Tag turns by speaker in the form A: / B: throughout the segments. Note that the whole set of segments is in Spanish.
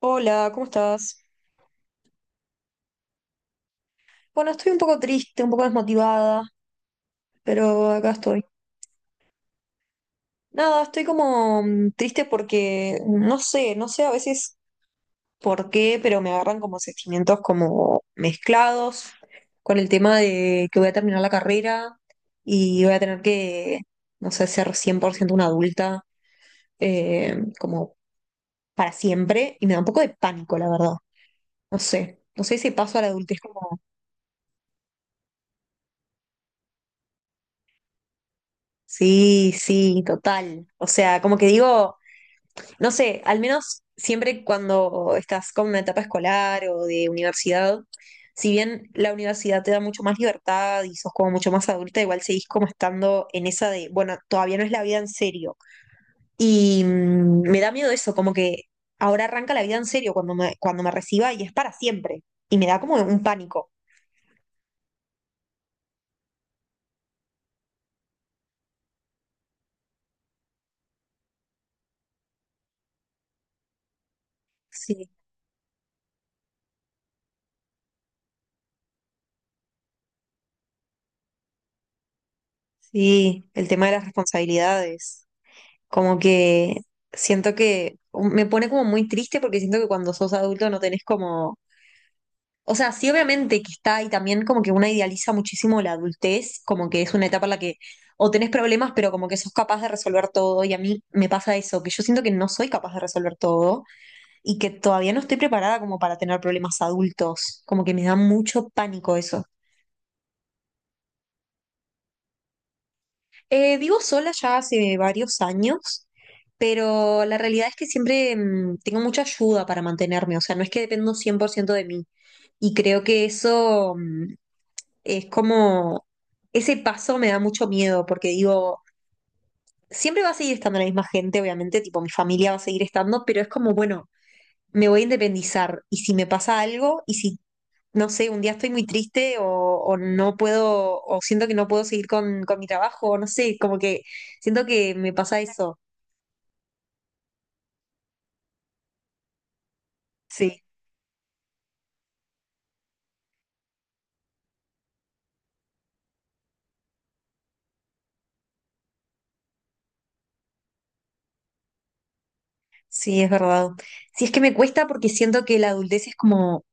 A: Hola, ¿cómo estás? Bueno, estoy un poco triste, un poco desmotivada, pero acá estoy. Nada, estoy como triste porque no sé, no sé a veces por qué, pero me agarran como sentimientos como mezclados con el tema de que voy a terminar la carrera y voy a tener que, no sé, ser 100% una adulta como para siempre y me da un poco de pánico, la verdad. No sé, no sé ese paso a la adultez como... Sí, sí, total. O sea, como que digo... No sé, al menos siempre cuando estás con una etapa escolar o de universidad, si bien la universidad te da mucho más libertad y sos como mucho más adulta, igual seguís como estando en esa de, bueno, todavía no es la vida en serio. Y me da miedo eso, como que ahora arranca la vida en serio cuando me reciba y es para siempre. Y me da como un pánico. Sí, sí, el tema de las responsabilidades. Como que siento que me pone como muy triste porque siento que cuando sos adulto no tenés como. O sea, sí, obviamente que está ahí también como que una idealiza muchísimo la adultez, como que es una etapa en la que o tenés problemas, pero como que sos capaz de resolver todo. Y a mí me pasa eso, que yo siento que no soy capaz de resolver todo y que todavía no estoy preparada como para tener problemas adultos. Como que me da mucho pánico eso. Vivo sola ya hace varios años, pero la realidad es que siempre tengo mucha ayuda para mantenerme. O sea, no es que dependo 100% de mí. Y creo que eso. Es como, ese paso me da mucho miedo porque digo, siempre va a seguir estando la misma gente, obviamente, tipo, mi familia va a seguir estando, pero es como, bueno, me voy a independizar y si me pasa algo y si, no sé, un día estoy muy triste o no puedo, o siento que no puedo seguir con mi trabajo, no sé, como que siento que me pasa eso. Sí, sí, es verdad. Sí, es que me cuesta porque siento que la adultez es como.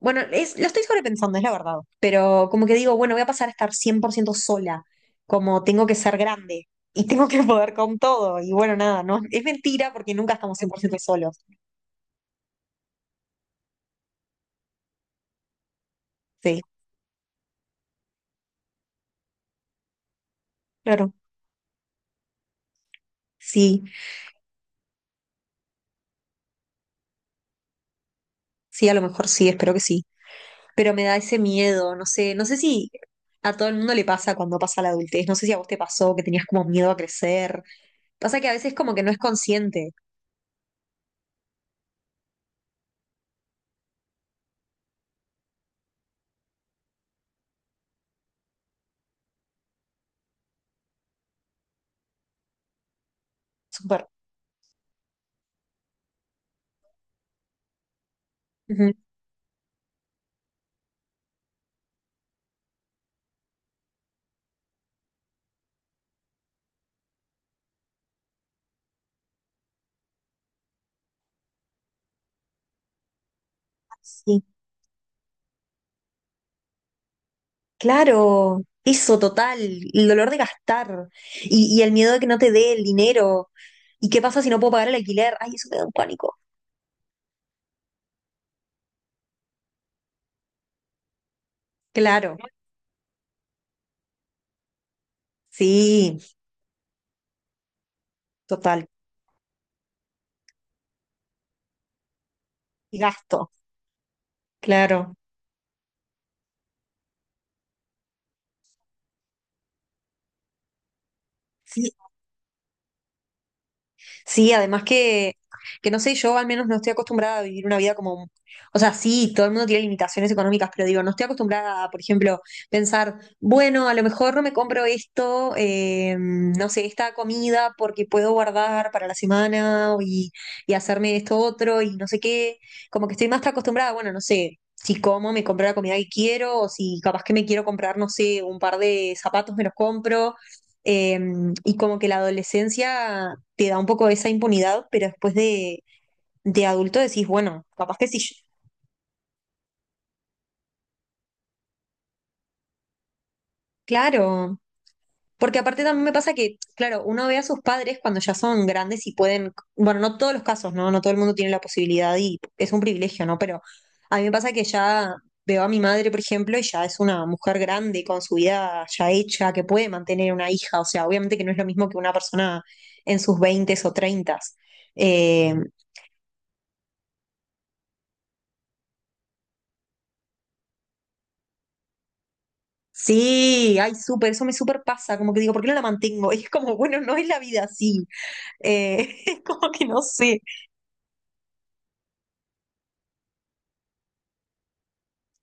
A: Bueno, es, lo estoy sobrepensando, es la verdad. Pero como que digo, bueno, voy a pasar a estar 100% sola, como tengo que ser grande y tengo que poder con todo. Y bueno, nada, no, es mentira porque nunca estamos 100% solos. Sí, claro. Sí, sí, a lo mejor sí, espero que sí. Pero me da ese miedo, no sé, no sé si a todo el mundo le pasa cuando pasa la adultez, no sé si a vos te pasó que tenías como miedo a crecer. Pasa que a veces como que no es consciente. Súper. Ujú. Sí. Claro, eso total, el dolor de gastar y el miedo de que no te dé el dinero. ¿Y qué pasa si no puedo pagar el alquiler? Ay, eso me da un pánico. Claro, sí, total. Y gasto, claro. Sí. Sí, además que no sé, yo al menos no estoy acostumbrada a vivir una vida como, o sea, sí, todo el mundo tiene limitaciones económicas, pero digo, no estoy acostumbrada a, por ejemplo, pensar, bueno, a lo mejor no me compro esto, no sé, esta comida porque puedo guardar para la semana y hacerme esto otro y no sé qué, como que estoy más acostumbrada, bueno, no sé. Si como, me compro la comida que quiero, o si capaz que me quiero comprar, no sé, un par de zapatos, me los compro. Eh, y como que la adolescencia te da un poco esa impunidad, pero después de adulto decís, bueno, capaz que sí. Claro, porque aparte también me pasa que, claro, uno ve a sus padres cuando ya son grandes y pueden, bueno, no todos los casos, ¿no? No todo el mundo tiene la posibilidad y es un privilegio, ¿no? Pero a mí me pasa que ya veo a mi madre, por ejemplo, y ya es una mujer grande con su vida ya hecha, que puede mantener una hija, o sea, obviamente que no es lo mismo que una persona en sus veintes o treintas. eh, Sí, ay, súper, eso me súper pasa, como que digo, ¿por qué no la mantengo? Y es como, bueno, no es la vida así, es como que no sé,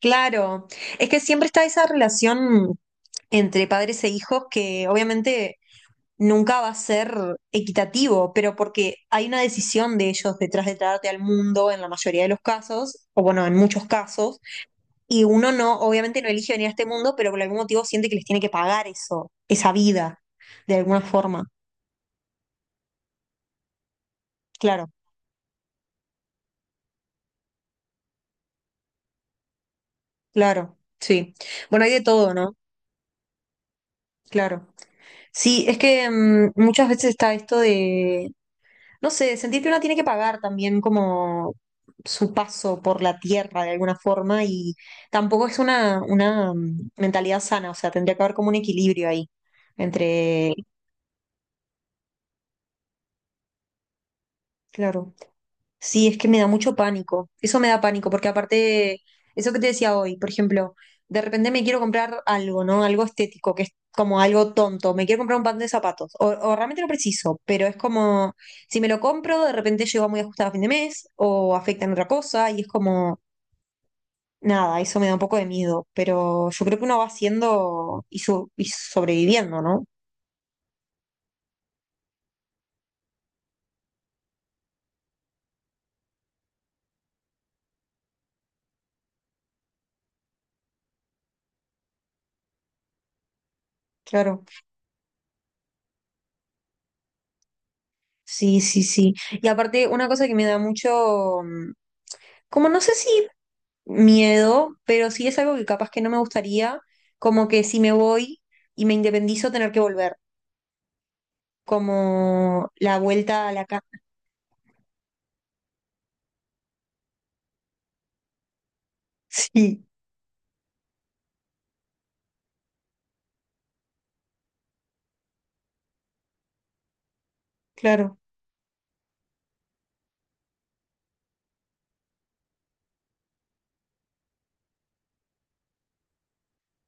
A: claro, es que siempre está esa relación entre padres e hijos que obviamente nunca va a ser equitativo, pero porque hay una decisión de ellos detrás de traerte al mundo en la mayoría de los casos, o bueno, en muchos casos, y uno no, obviamente no elige venir a este mundo, pero por algún motivo siente que les tiene que pagar eso, esa vida, de alguna forma, claro. Claro, sí. Bueno, hay de todo, ¿no? Claro. Sí, es que muchas veces está esto de, no sé, sentir que uno tiene que pagar también como su paso por la tierra de alguna forma y tampoco es una mentalidad sana, o sea, tendría que haber como un equilibrio ahí entre, claro. Sí, es que me da mucho pánico. Eso me da pánico, porque aparte, eso que te decía hoy, por ejemplo, de repente me quiero comprar algo, ¿no? Algo estético, que es como algo tonto. Me quiero comprar un par de zapatos, o realmente no preciso, pero es como, si me lo compro, de repente llego muy ajustado a fin de mes, o afecta en otra cosa, y es como, nada, eso me da un poco de miedo. Pero yo creo que uno va haciendo y, sobreviviendo, ¿no? Claro. Sí, sí, sí. Y aparte, una cosa que me da mucho, como no sé si miedo, pero sí es algo que capaz que no me gustaría, como que si me voy y me independizo, tener que volver, como la vuelta a la casa. Sí, claro.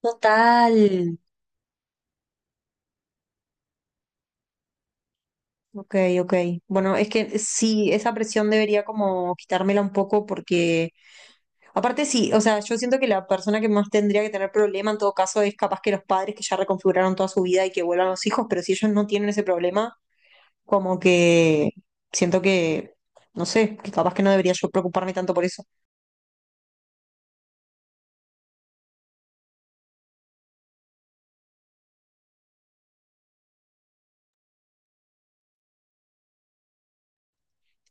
A: Total. Ok, ok. Bueno, es que sí, esa presión debería como quitármela un poco porque aparte, sí, o sea, yo siento que la persona que más tendría que tener problema en todo caso es capaz que los padres que ya reconfiguraron toda su vida y que vuelvan los hijos, pero si ellos no tienen ese problema, como que siento que, no sé, que capaz que no debería yo preocuparme tanto por eso.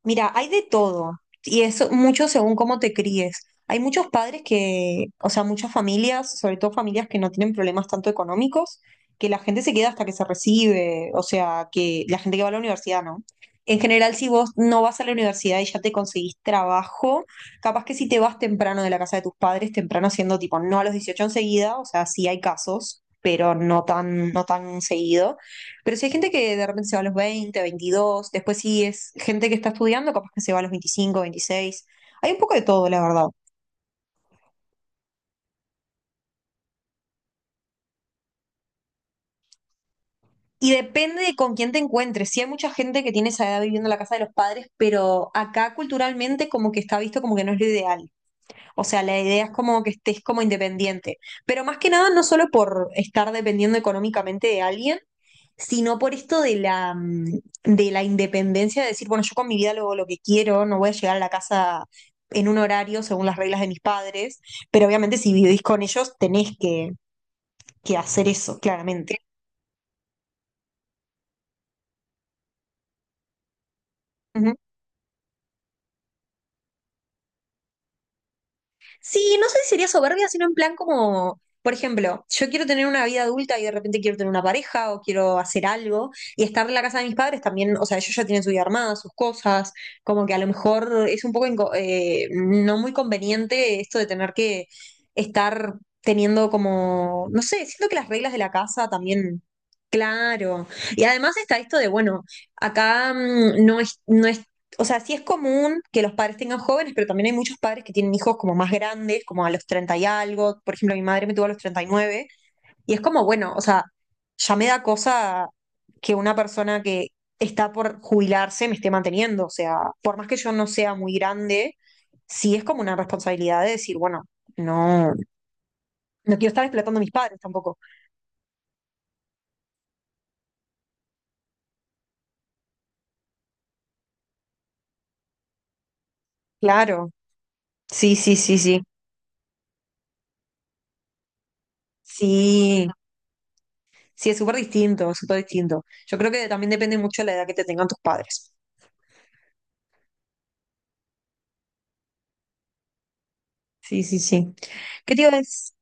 A: Mira, hay de todo y es mucho según cómo te críes. Hay muchos padres que, o sea, muchas familias, sobre todo familias que no tienen problemas tanto económicos, que la gente se queda hasta que se recibe, o sea, que la gente que va a la universidad, ¿no? En general, si vos no vas a la universidad y ya te conseguís trabajo, capaz que si te vas temprano de la casa de tus padres, temprano siendo tipo, no a los 18 enseguida, o sea, sí hay casos, pero no tan seguido, pero si hay gente que de repente se va a los 20, 22, después sí es gente que está estudiando, capaz que se va a los 25, veintiséis. Hay un poco de todo, la verdad. Y depende de con quién te encuentres. Sí hay mucha gente que tiene esa edad viviendo en la casa de los padres, pero acá culturalmente como que está visto como que no es lo ideal. O sea, la idea es como que estés como independiente. Pero más que nada, no solo por estar dependiendo económicamente de alguien, sino por esto de la independencia, de decir, bueno, yo con mi vida hago lo que quiero, no voy a llegar a la casa en un horario según las reglas de mis padres, pero obviamente si vivís con ellos tenés que, hacer eso, claramente. Sí, no sé si sería soberbia, sino en plan como, por ejemplo, yo quiero tener una vida adulta y de repente quiero tener una pareja o quiero hacer algo y estar en la casa de mis padres también, o sea, ellos ya tienen su vida armada, sus cosas, como que a lo mejor es un poco no muy conveniente esto de tener que estar teniendo como, no sé, siento que las reglas de la casa también... Claro. Y además está esto de, bueno, acá no es o sea, sí es común que los padres tengan jóvenes, pero también hay muchos padres que tienen hijos como más grandes, como a los 30 y algo. Por ejemplo, mi madre me tuvo a los 39. Y nueve. Y es como, bueno, o sea, ya me da cosa que una persona que está por jubilarse me esté manteniendo. O sea, por más que yo no sea muy grande, sí es como una responsabilidad de decir, bueno, no, no quiero estar explotando a mis padres tampoco. Claro, sí, sí, sí, sí. Sí, sí, es súper distinto, súper distinto. Yo creo que también depende mucho de la edad que te tengan tus padres. Sí, sí, sí. ¿Qué te iba a decir?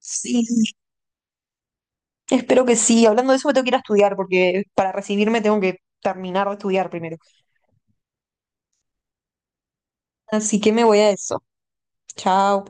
A: Sí, espero que sí. Hablando de eso, me tengo que ir a estudiar porque para recibirme tengo que terminar de estudiar primero. Así que me voy a eso. Chao.